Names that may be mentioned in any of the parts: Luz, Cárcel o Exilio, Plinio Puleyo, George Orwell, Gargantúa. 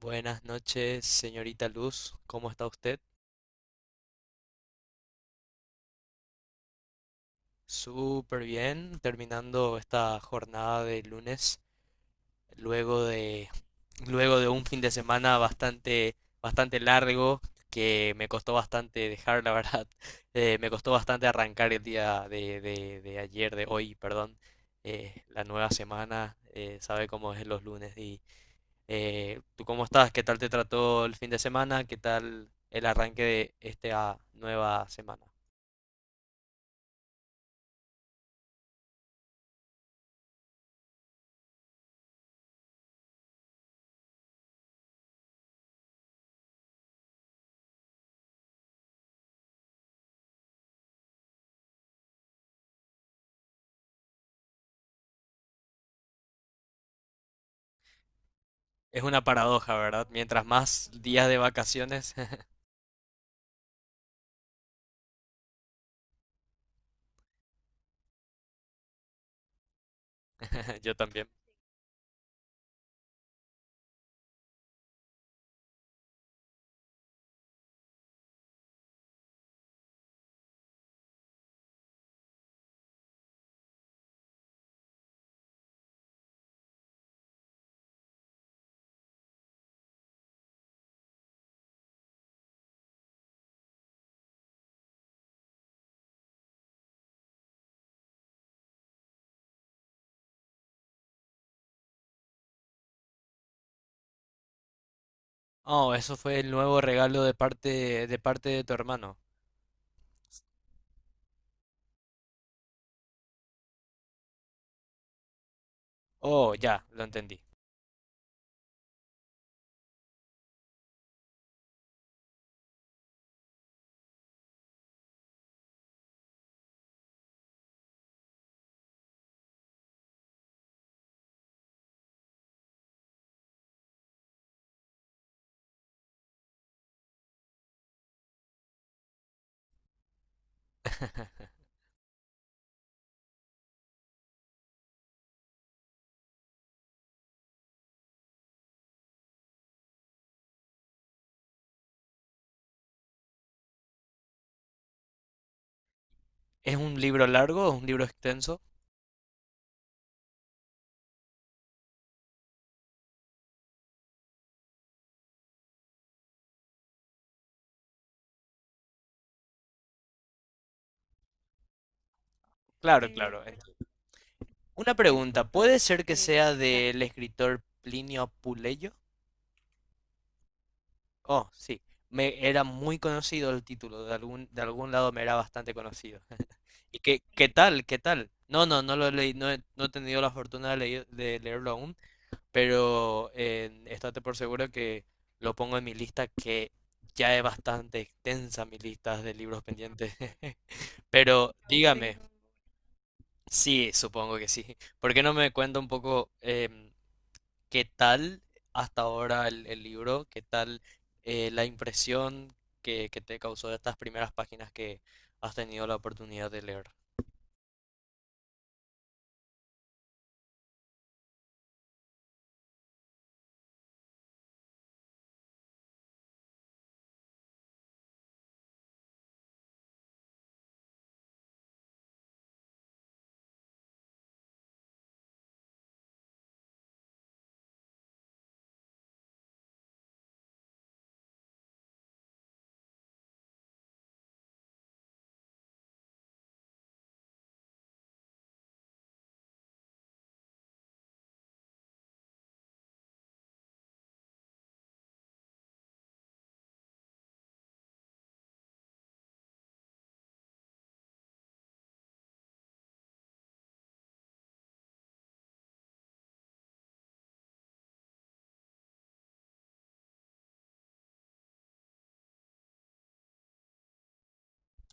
Buenas noches, señorita Luz. ¿Cómo está usted? Súper bien, terminando esta jornada de lunes, luego de, luego de un fin de semana bastante largo, que me costó bastante dejar, la verdad. Me costó bastante arrancar el día de ayer, de hoy, perdón. La nueva semana, sabe cómo es los lunes. Y ¿tú cómo estás? ¿Qué tal te trató el fin de semana? ¿Qué tal el arranque de esta nueva semana? Es una paradoja, ¿verdad? Mientras más días de vacaciones, yo también. Oh, eso fue el nuevo regalo de parte de tu hermano. Oh, ya, lo entendí. ¿Es un libro largo? ¿Es un libro extenso? Claro, claro. Una pregunta, ¿puede ser que sea del escritor Plinio Puleyo? Oh, sí. Me era muy conocido el título, de algún lado me era bastante conocido. ¿Y qué tal? ¿Qué tal? No lo leí, no he tenido la fortuna de, de leerlo aún, pero estate por seguro que lo pongo en mi lista, que ya es bastante extensa mi lista de libros pendientes. Pero dígame, sí, supongo que sí. ¿Por qué no me cuenta un poco qué tal hasta ahora el libro? ¿Qué tal la impresión que te causó estas primeras páginas que has tenido la oportunidad de leer?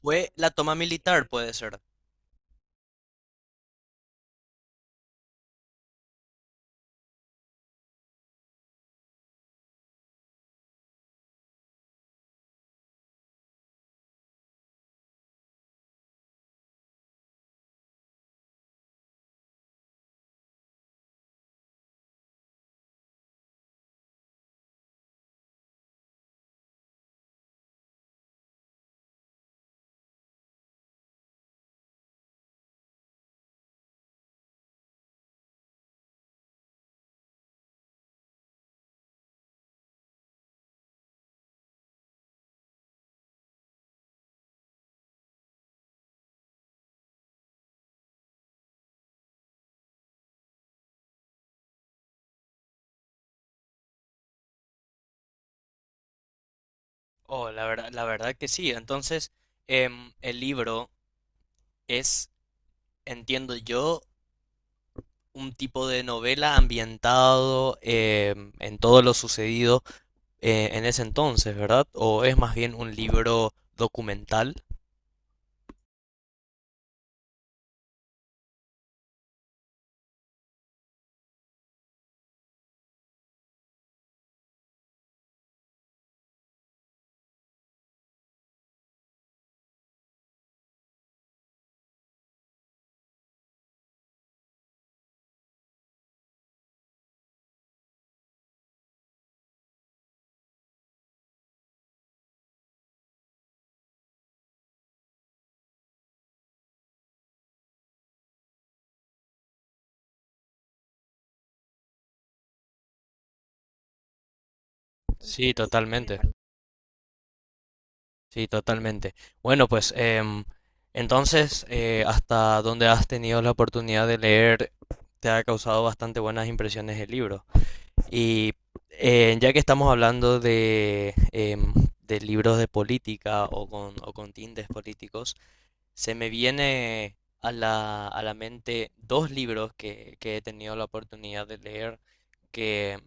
Fue la toma militar, puede ser. Oh, la verdad que sí. Entonces, el libro es, entiendo yo, un tipo de novela ambientado en todo lo sucedido en ese entonces, ¿verdad? ¿O es más bien un libro documental? Sí, totalmente. Sí, totalmente. Bueno, pues entonces, ¿hasta dónde has tenido la oportunidad de leer? Te ha causado bastante buenas impresiones el libro. Y ya que estamos hablando de, de libros de política o con tintes políticos, se me viene a a la mente dos libros que he tenido la oportunidad de leer que,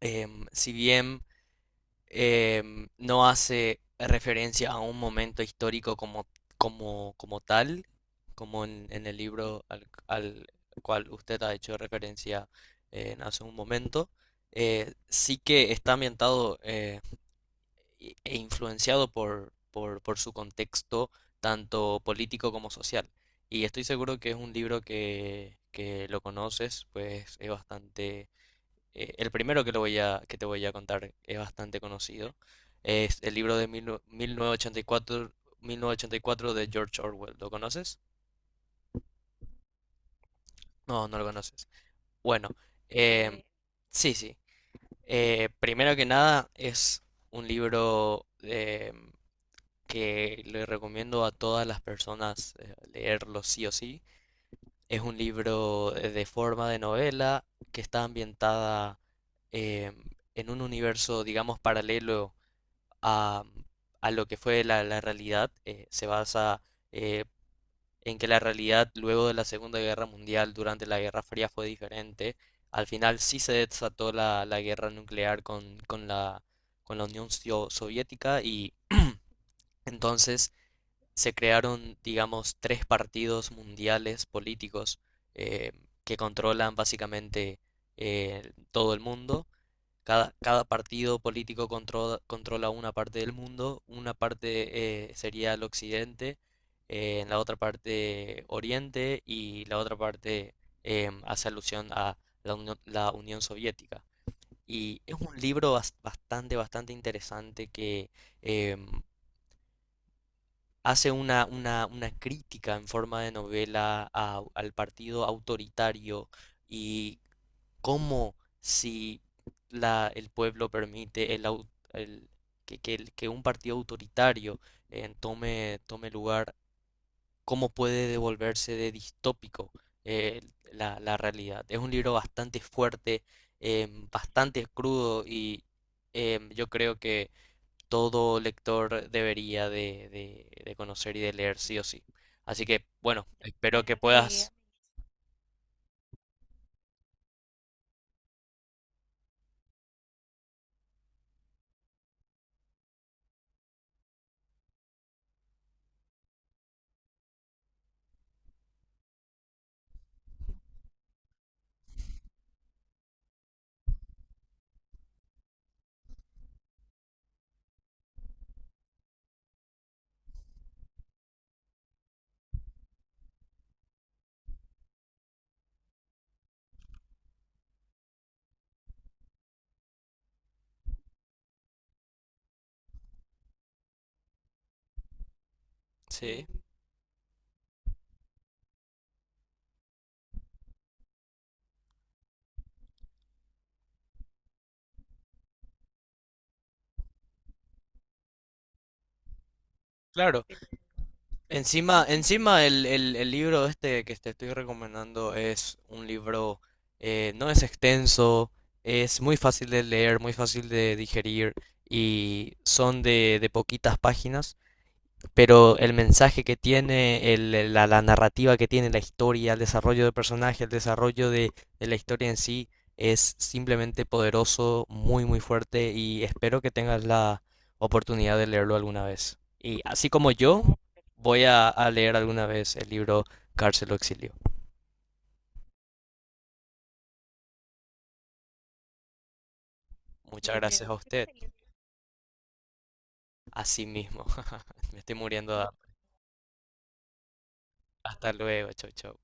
si bien no hace referencia a un momento histórico como tal, como en el libro al cual usted ha hecho referencia en hace un momento. Sí que está ambientado e influenciado por su contexto, tanto político como social. Y estoy seguro que es un libro que lo conoces, pues es bastante el primero que te voy a contar es bastante conocido. Es el libro de 1984, 1984, de George Orwell. ¿Lo conoces? No, no lo conoces. Bueno, em, Eh, sí, sí. Primero que nada, es un libro que le recomiendo a todas las personas leerlo sí o sí. Es un libro de forma de novela que está ambientada em, en un universo, digamos, paralelo a, a lo que fue la realidad, se basa eh, en que la realidad luego de la Segunda Guerra Mundial, durante la Guerra Fría, fue diferente. Al final sí se desató la guerra nuclear con la Unión Soviética y entonces se crearon, digamos, tres partidos mundiales políticos eh, que controlan básicamente todo el mundo. Cada partido político controla una parte del mundo, una parte sería el occidente, en la otra parte oriente y la otra parte hace alusión a la Unión Soviética. Y es un libro bastante interesante que em, hace una crítica en forma de novela al partido autoritario. Y ¿cómo, si el pueblo permite el- que un partido autoritario tome lugar? ¿Cómo puede devolverse de distópico eh, la realidad? Es un libro bastante fuerte, bastante crudo. Y yo creo que todo lector debería de conocer y de leer sí o sí. Así que, bueno, espero que puedas... Sí, claro. Encima, encima el libro este que te estoy recomendando es un libro, no es extenso, es muy fácil de leer, muy fácil de digerir y son de poquitas páginas, pero el mensaje que tiene, la narrativa que tiene, la historia, el desarrollo de personaje, el desarrollo de la historia en sí es simplemente poderoso, muy, muy fuerte. Y espero que tengas la oportunidad de leerlo alguna vez. Y así como yo, voy a leer alguna vez el libro Cárcel o Exilio. Muchas gracias a usted. Así mismo. Me estoy muriendo de hambre. Hasta luego. Chau, chau.